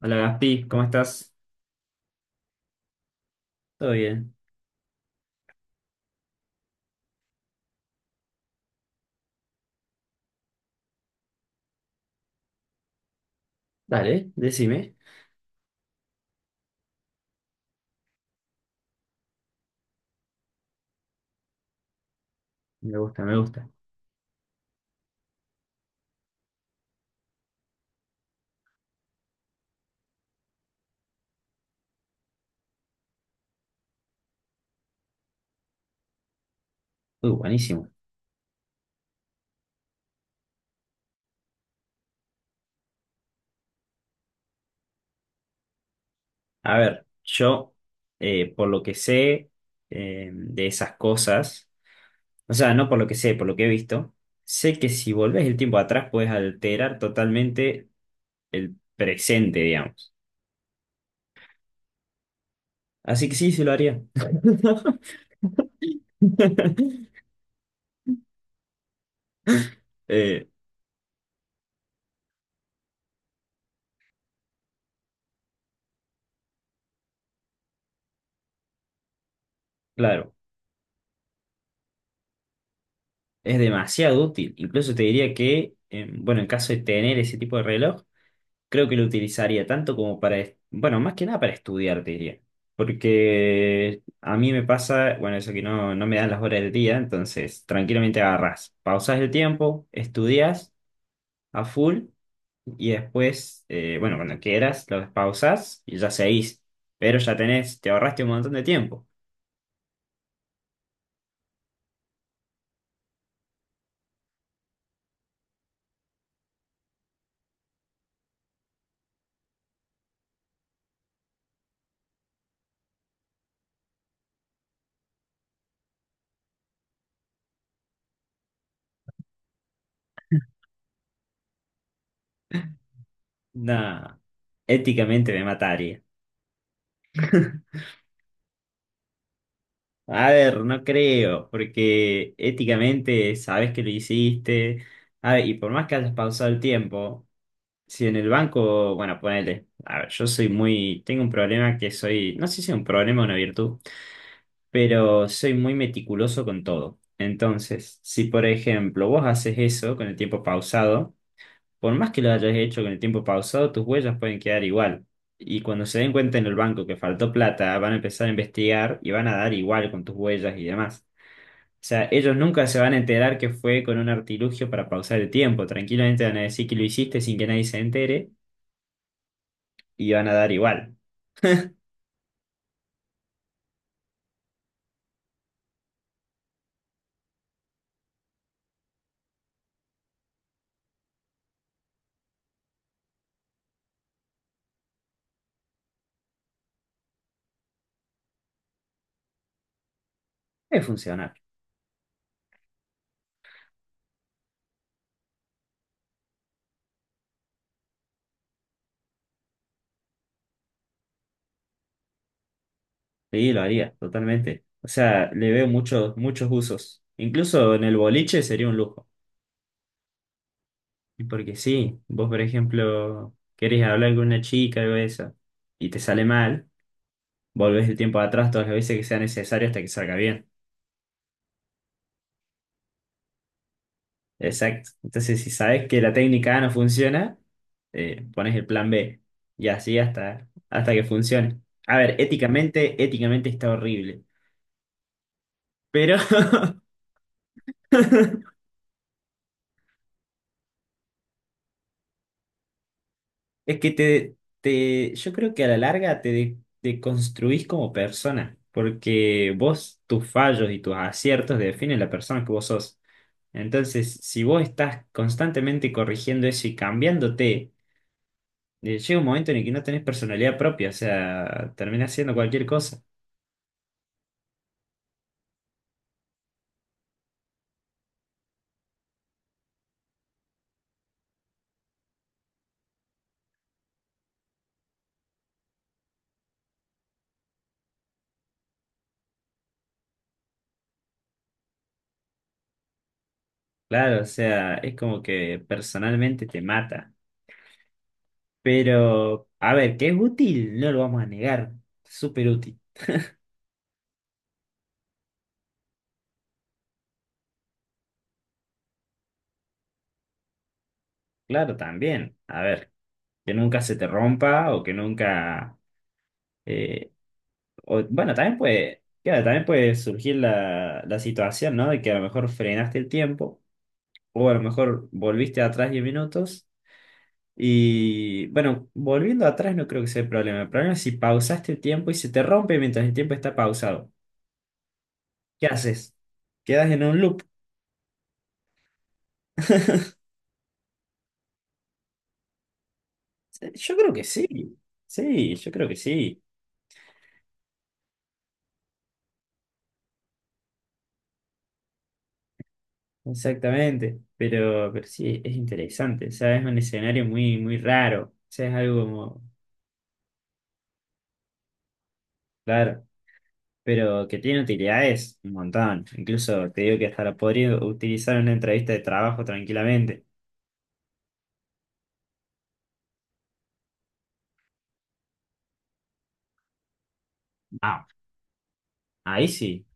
Hola Gaspi, ¿cómo estás? Todo bien. Dale, decime. Me gusta, me gusta. Uy, buenísimo. A ver, yo, por lo que sé, de esas cosas, o sea, no por lo que sé, por lo que he visto, sé que si volvés el tiempo atrás puedes alterar totalmente el presente, digamos. Así que sí, se lo haría. Eh, claro, es demasiado útil. Incluso te diría que, bueno, en caso de tener ese tipo de reloj, creo que lo utilizaría tanto como para, bueno, más que nada para estudiar, te diría. Porque a mí me pasa, bueno, eso que no me dan las horas del día, entonces tranquilamente agarrás, pausás el tiempo, estudias a full y después, bueno, cuando quieras, lo despausás y ya seguís. Pero ya tenés, te ahorraste un montón de tiempo. Nada, éticamente me mataría. A ver, no creo, porque éticamente sabes que lo hiciste. A ver, y por más que hayas pausado el tiempo, si en el banco, bueno, ponele, a ver, yo soy muy, tengo un problema que soy, no sé si es un problema o una virtud, pero soy muy meticuloso con todo. Entonces, si por ejemplo vos haces eso con el tiempo pausado, por más que lo hayas hecho con el tiempo pausado, tus huellas pueden quedar igual. Y cuando se den cuenta en el banco que faltó plata, van a empezar a investigar y van a dar igual con tus huellas y demás. O sea, ellos nunca se van a enterar que fue con un artilugio para pausar el tiempo. Tranquilamente van a decir que lo hiciste sin que nadie se entere y van a dar igual. Es funcionar. Sí, lo haría, totalmente. O sea, le veo muchos, muchos usos. Incluso en el boliche sería un lujo. Y porque sí, vos, por ejemplo, querés hablar con una chica o eso, y te sale mal, volvés el tiempo atrás todas las veces que sea necesario hasta que salga bien. Exacto. Entonces, si sabes que la técnica A no funciona, pones el plan B y así hasta, hasta que funcione. A ver, éticamente, éticamente está horrible, pero es que yo creo que a la larga te construís como persona, porque vos, tus fallos y tus aciertos definen la persona que vos sos. Entonces, si vos estás constantemente corrigiendo eso y cambiándote, y llega un momento en el que no tenés personalidad propia, o sea, terminás haciendo cualquier cosa. Claro, o sea, es como que personalmente te mata. Pero, a ver, que es útil, no lo vamos a negar. Súper útil. Claro, también. A ver, que nunca se te rompa o que nunca... eh, bueno, también puede, claro, también puede surgir la situación, ¿no? De que a lo mejor frenaste el tiempo o a lo mejor volviste atrás 10 minutos. Y bueno, volviendo atrás no creo que sea el problema. El problema es si pausaste el tiempo y se te rompe mientras el tiempo está pausado. ¿Qué haces? ¿Quedas en un loop? Yo creo que sí. Sí, yo creo que sí. Exactamente. Pero sí, es interesante. O sea, es un escenario muy, muy raro. O sea, es algo como, claro, pero que tiene utilidades un montón. Incluso te digo que hasta lo podría utilizar en una entrevista de trabajo tranquilamente. Ah, ahí sí.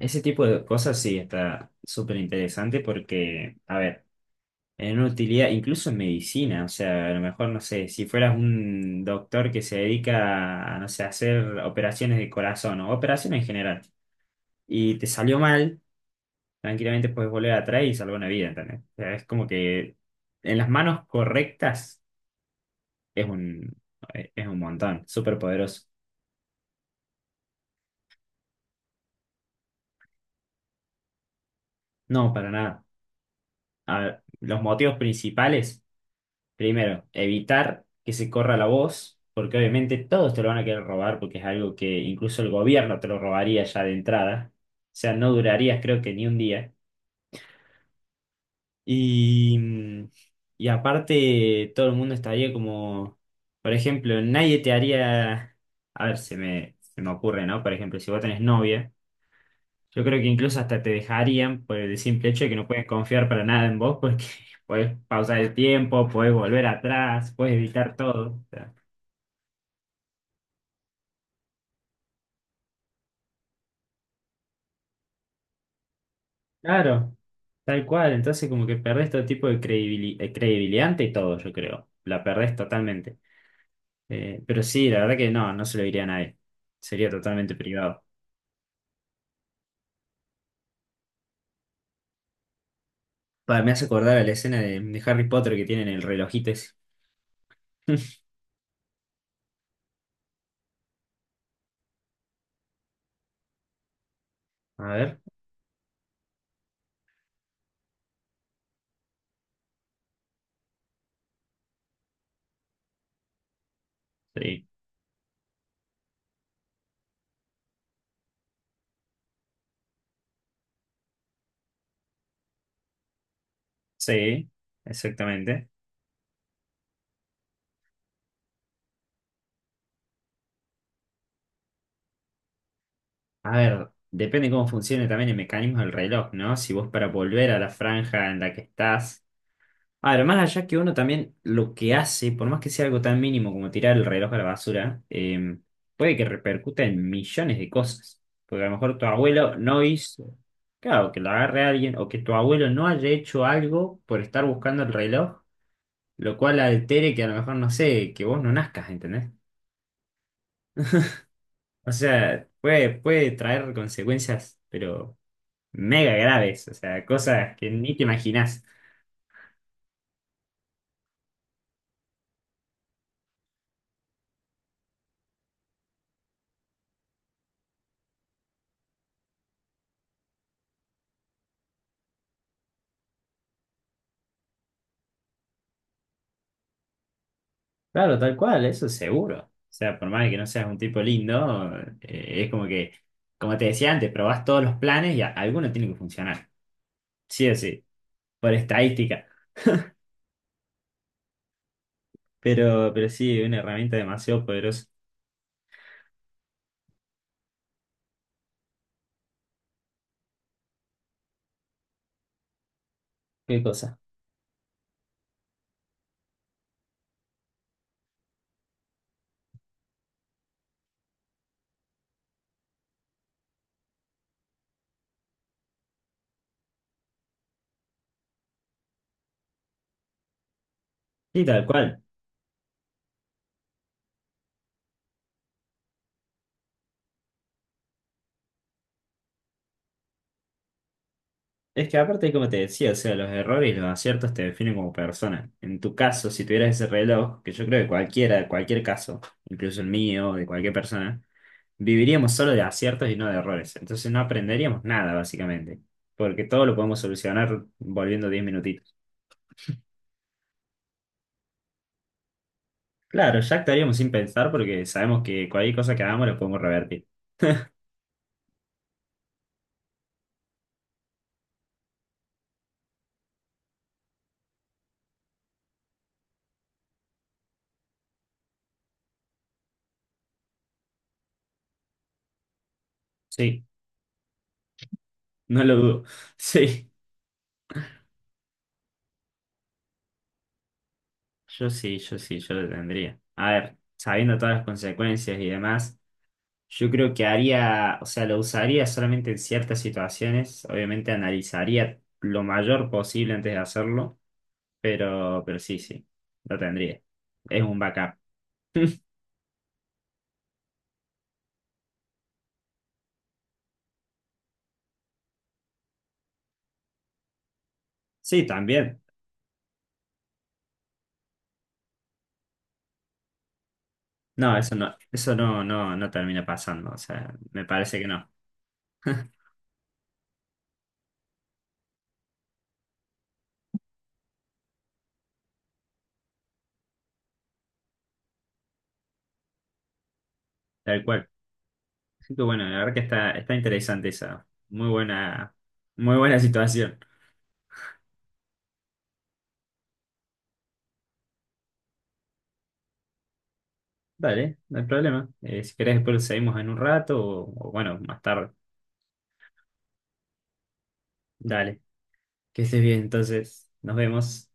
Ese tipo de cosas sí está súper interesante porque, a ver, en una utilidad, incluso en medicina, o sea, a lo mejor, no sé, si fueras un doctor que se dedica a, no sé, a hacer operaciones de corazón o operaciones en general, y te salió mal, tranquilamente puedes volver atrás y salvar una vida, ¿entendés? O sea, es como que en las manos correctas es un, es un montón, súper poderoso. No, para nada. A ver, los motivos principales. Primero, evitar que se corra la voz, porque obviamente todos te lo van a querer robar, porque es algo que incluso el gobierno te lo robaría ya de entrada. O sea, no durarías creo que ni un día. Y, mm, y aparte, todo el mundo estaría como, por ejemplo, nadie te haría, a ver, se me ocurre, ¿no? Por ejemplo, si vos tenés novia, yo creo que incluso hasta te dejarían por el simple hecho de que no puedes confiar para nada en vos, porque puedes pausar el tiempo, puedes volver atrás, puedes evitar todo. Claro, tal cual. Entonces como que perdés todo tipo de credibilidad ante todo, yo creo. La perdés totalmente. Pero sí, la verdad que no se lo diría a nadie. Sería totalmente privado. Pa, me hace acordar a la escena de Harry Potter que tienen el relojito ese. A ver. Sí. Sí, exactamente. A ver, depende cómo funcione también el mecanismo del reloj, ¿no? Si vos para volver a la franja en la que estás... Además, allá que uno también lo que hace, por más que sea algo tan mínimo como tirar el reloj a la basura, puede que repercuta en millones de cosas. Porque a lo mejor tu abuelo no hizo, claro, que lo agarre alguien, o que tu abuelo no haya hecho algo por estar buscando el reloj, lo cual altere que a lo mejor, no sé, que vos no nazcas, ¿entendés? O sea, puede, puede traer consecuencias, pero mega graves, o sea, cosas que ni te imaginás. Claro, tal cual, eso es seguro. O sea, por más que no seas un tipo lindo, es como que, como te decía antes, probás todos los planes y alguno tiene que funcionar. Sí o sí, por estadística. Pero sí, una herramienta demasiado poderosa. ¿Qué cosa? Sí, tal cual. Es que aparte, como te decía, o sea, los errores y los aciertos te definen como persona. En tu caso, si tuvieras ese reloj, que yo creo que cualquiera, cualquier caso, incluso el mío, de cualquier persona, viviríamos solo de aciertos y no de errores. Entonces no aprenderíamos nada, básicamente. Porque todo lo podemos solucionar volviendo 10 minutitos. Claro, ya actuaríamos sin pensar porque sabemos que cualquier cosa que hagamos lo podemos revertir. Sí, no lo dudo. Sí, yo sí, yo sí, yo lo tendría. A ver, sabiendo todas las consecuencias y demás, yo creo que haría, o sea, lo usaría solamente en ciertas situaciones. Obviamente analizaría lo mayor posible antes de hacerlo, pero sí, sí, lo tendría. Es un backup. Sí, también. No, eso no, eso no, no, no termina pasando. O sea, me parece que no. Tal cual. Así que bueno, la verdad que está, está interesante esa. Muy buena situación. Dale, no hay problema. Si querés, después lo seguimos en un rato o bueno, más tarde. Dale, que estés bien. Entonces, nos vemos.